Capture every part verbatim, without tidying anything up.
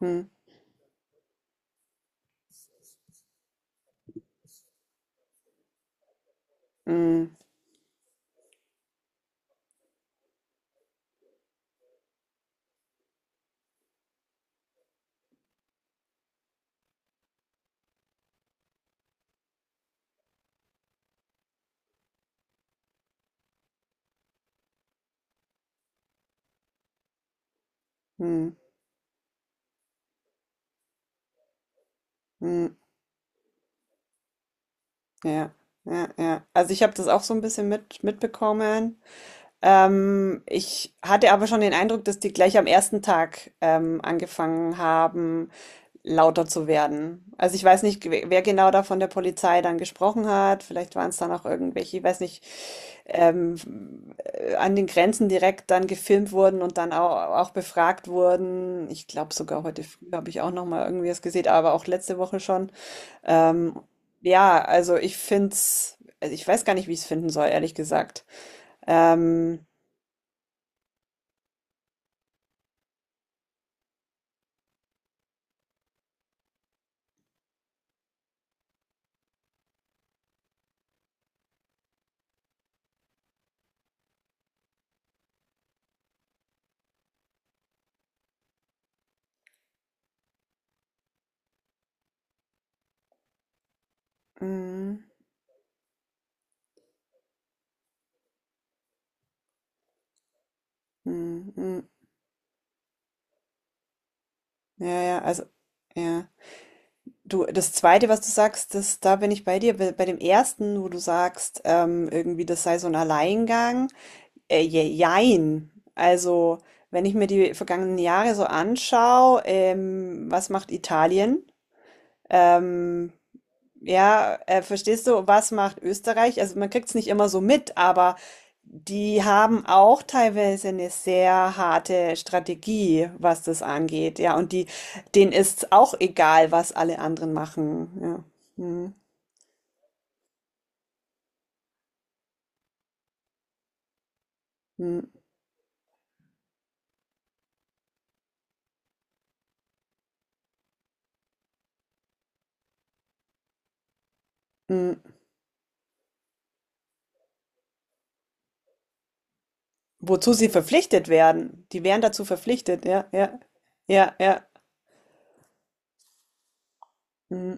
Mhm, mhm, mhm, mhm. Ja, ja, ja. Also ich habe das auch so ein bisschen mit, mitbekommen. Ähm, ich hatte aber schon den Eindruck, dass die gleich am ersten Tag ähm, angefangen haben, lauter zu werden. Also ich weiß nicht, wer wer genau da von der Polizei dann gesprochen hat. Vielleicht waren es dann auch irgendwelche, ich weiß nicht, ähm, äh, an den Grenzen direkt dann gefilmt wurden und dann auch, auch befragt wurden. Ich glaube sogar heute früh habe ich auch noch mal irgendwie was gesehen, aber auch letzte Woche schon. Ähm, ja, also ich find's, also ich weiß gar nicht, wie ich es finden soll, ehrlich gesagt. Ähm, mm, mm, mm, ja, ja, also, ja. Du, das Zweite, was du sagst, das, da bin ich bei dir. Bei bei dem Ersten, wo du sagst, ähm, irgendwie, das sei so ein Alleingang. Äh, je- jein. Also, wenn ich mir die vergangenen Jahre so anschaue, ähm, was macht Italien? Ähm, Ja, äh, verstehst du, was macht Österreich? Also man kriegt es nicht immer so mit, aber die haben auch teilweise eine sehr harte Strategie, was das angeht. Ja, und die, denen ist auch egal, was alle anderen machen. Ja. Hm, hm, hm. Wozu sie verpflichtet werden. Die wären dazu verpflichtet. Ja, ja, ja, ja. Hm,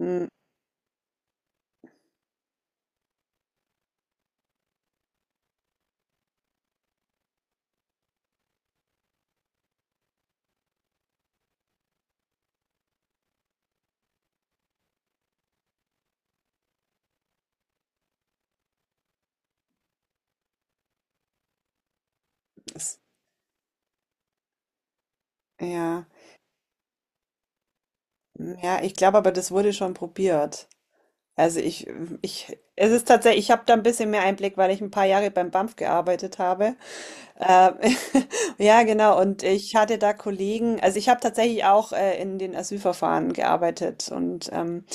hm. Das, ja, hm, ja. Ich glaube, aber das wurde schon probiert. Also ich, ich, es ist tatsächlich, ich habe da ein bisschen mehr Einblick, weil ich ein paar Jahre beim BAMF gearbeitet habe. Ähm, ja, genau. Und ich hatte, da Kollegen, also ich habe tatsächlich auch äh, in den Asylverfahren gearbeitet und ähm,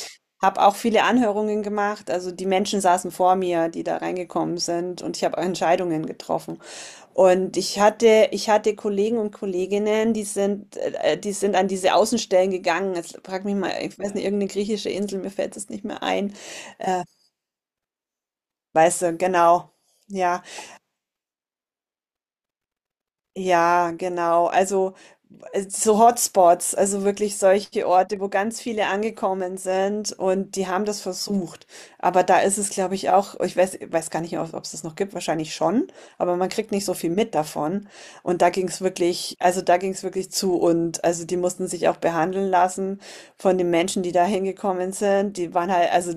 habe auch viele Anhörungen gemacht. Also die Menschen saßen vor mir, die da reingekommen sind und ich habe Entscheidungen getroffen. Und ich hatte, ich hatte Kollegen und Kolleginnen, die sind, äh, die sind an diese Außenstellen gegangen. Jetzt frag mich mal, ich weiß nicht, irgendeine griechische Insel, mir fällt es nicht mehr ein. Äh, weißt du, genau. Ja. Ja, genau. Also äh, so Hotspots, also wirklich solche Orte, wo ganz viele angekommen sind und die haben das versucht. Aber da ist es, glaube ich, auch, ich weiß, weiß gar nicht, ob es das noch gibt, wahrscheinlich schon, aber man kriegt nicht so viel mit davon. Und da ging es wirklich, also da ging es wirklich zu und also die mussten sich auch behandeln lassen von den Menschen, die da hingekommen sind. Die waren halt, also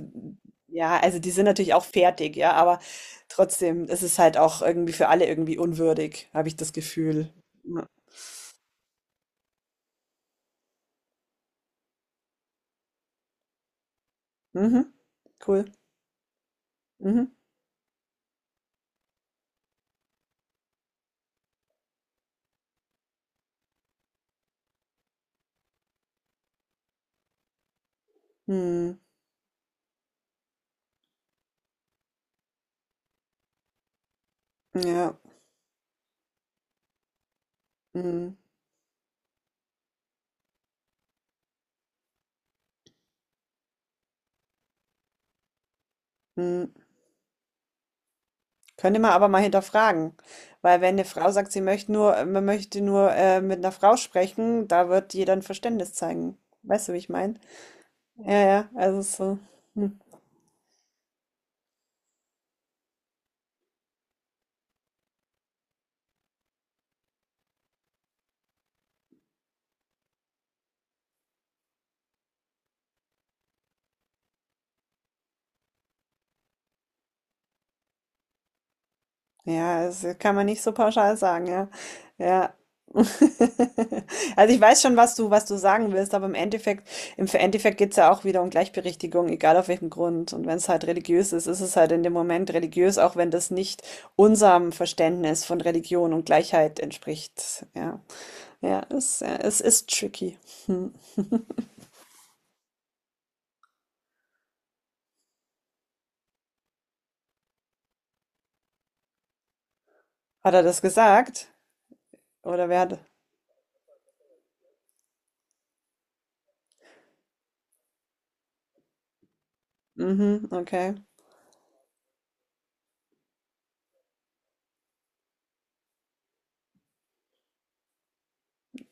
ja, also die sind natürlich auch fertig, ja, aber Trotzdem, es ist halt auch irgendwie für alle irgendwie unwürdig, habe ich das Gefühl. Ja. Mhm, cool. Mhm. Mhm. Ja. Mhm. Mhm. Könnte man aber mal hinterfragen, weil wenn eine Frau sagt, sie möchte nur, äh, man möchte nur äh, mit einer Frau sprechen, da wird jeder ein Verständnis zeigen. Weißt du, wie ich meine? Ja, ja, also so. hm. Ja, das kann man nicht so pauschal sagen, ja. Ja. Also ich weiß schon, was du, was du sagen willst, aber im Endeffekt, im Endeffekt geht es ja auch wieder um Gleichberechtigung, egal auf welchem Grund. Und wenn es halt religiös ist, ist es halt in dem Moment religiös, auch wenn das nicht unserem Verständnis von Religion und Gleichheit entspricht. Ja, ja, es, ja, es ist tricky. Hm. Hat er das gesagt? Oder wer hat? Mhm, okay.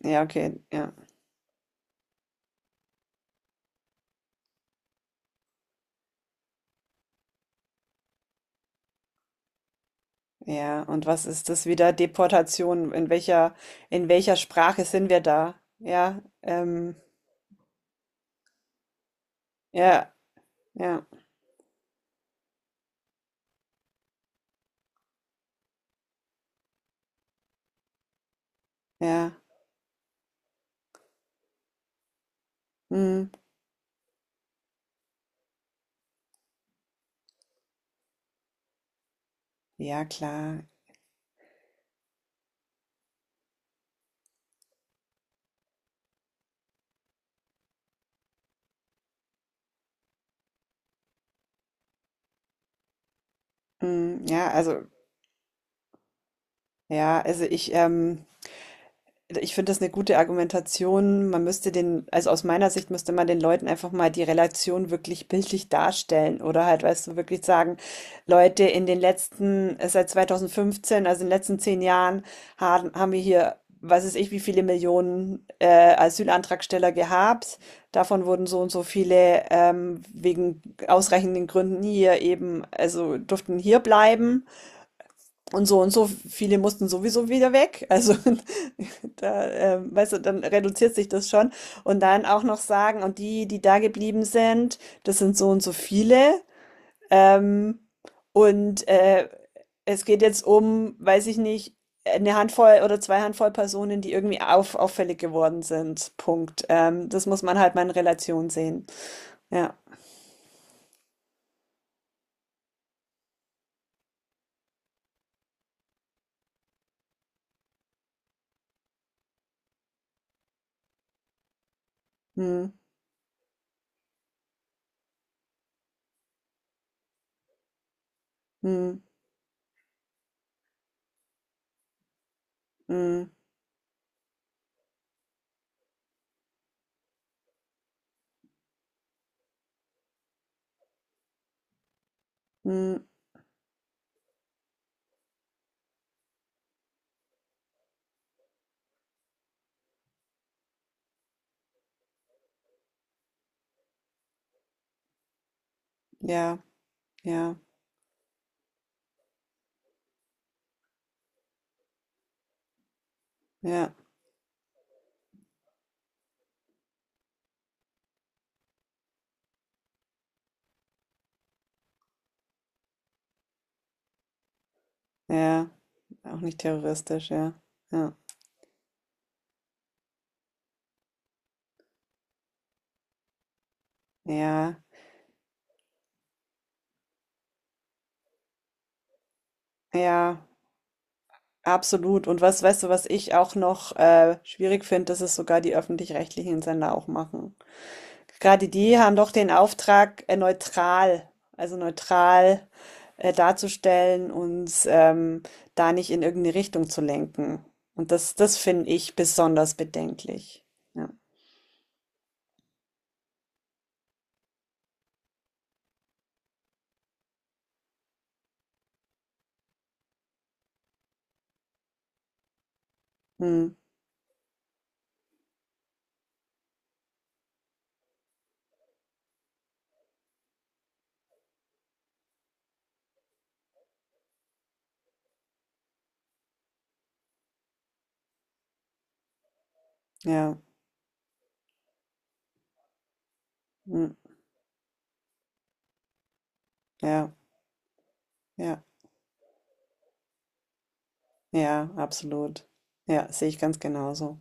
Ja, okay, ja. Ja, und was ist das wieder? Deportation? In welcher, in welcher Sprache sind wir da? Ja, ähm, ja, ja, ja, mm, ja, klar. Mm, ja, also, ja, also ich, ähm, ich finde das eine gute Argumentation. Man müsste den, also aus meiner Sicht müsste man den Leuten einfach mal die Relation wirklich bildlich darstellen oder halt, weißt du, wirklich sagen, Leute, in den letzten, äh, seit zweitausendfünfzehn, also in den letzten zehn Jahren, haben, haben wir hier, was weiß ich, wie viele Millionen äh, Asylantragsteller gehabt. Davon wurden so und so viele ähm, wegen ausreichenden Gründen hier eben, also durften hier bleiben. Und so und so viele mussten sowieso wieder weg. Also da, ähm, weißt du, dann reduziert sich das schon. Und dann auch noch sagen, und die, die da geblieben sind, das sind so und so viele. Ähm, und äh, es geht jetzt um, weiß ich nicht, eine Handvoll oder zwei Handvoll Personen, die irgendwie auf, auffällig geworden sind. Punkt. Ähm, das muss man halt mal in Relation sehen. Ja. Hm, hm, hm, hm, ja, ja, ja, ja. Auch nicht terroristisch, ja. Ja. Ja, ja, absolut. Und was, weißt du, was ich auch noch äh, schwierig finde, dass es sogar die öffentlich-rechtlichen Sender auch machen. Gerade die haben doch den Auftrag, äh, neutral, also neutral äh, darzustellen und ähm, da nicht in irgendeine Richtung zu lenken. Und das, das finde ich besonders bedenklich. Ja. Hm, ja, hm, ja, ja, ja, absolut. Ja, sehe ich ganz genauso.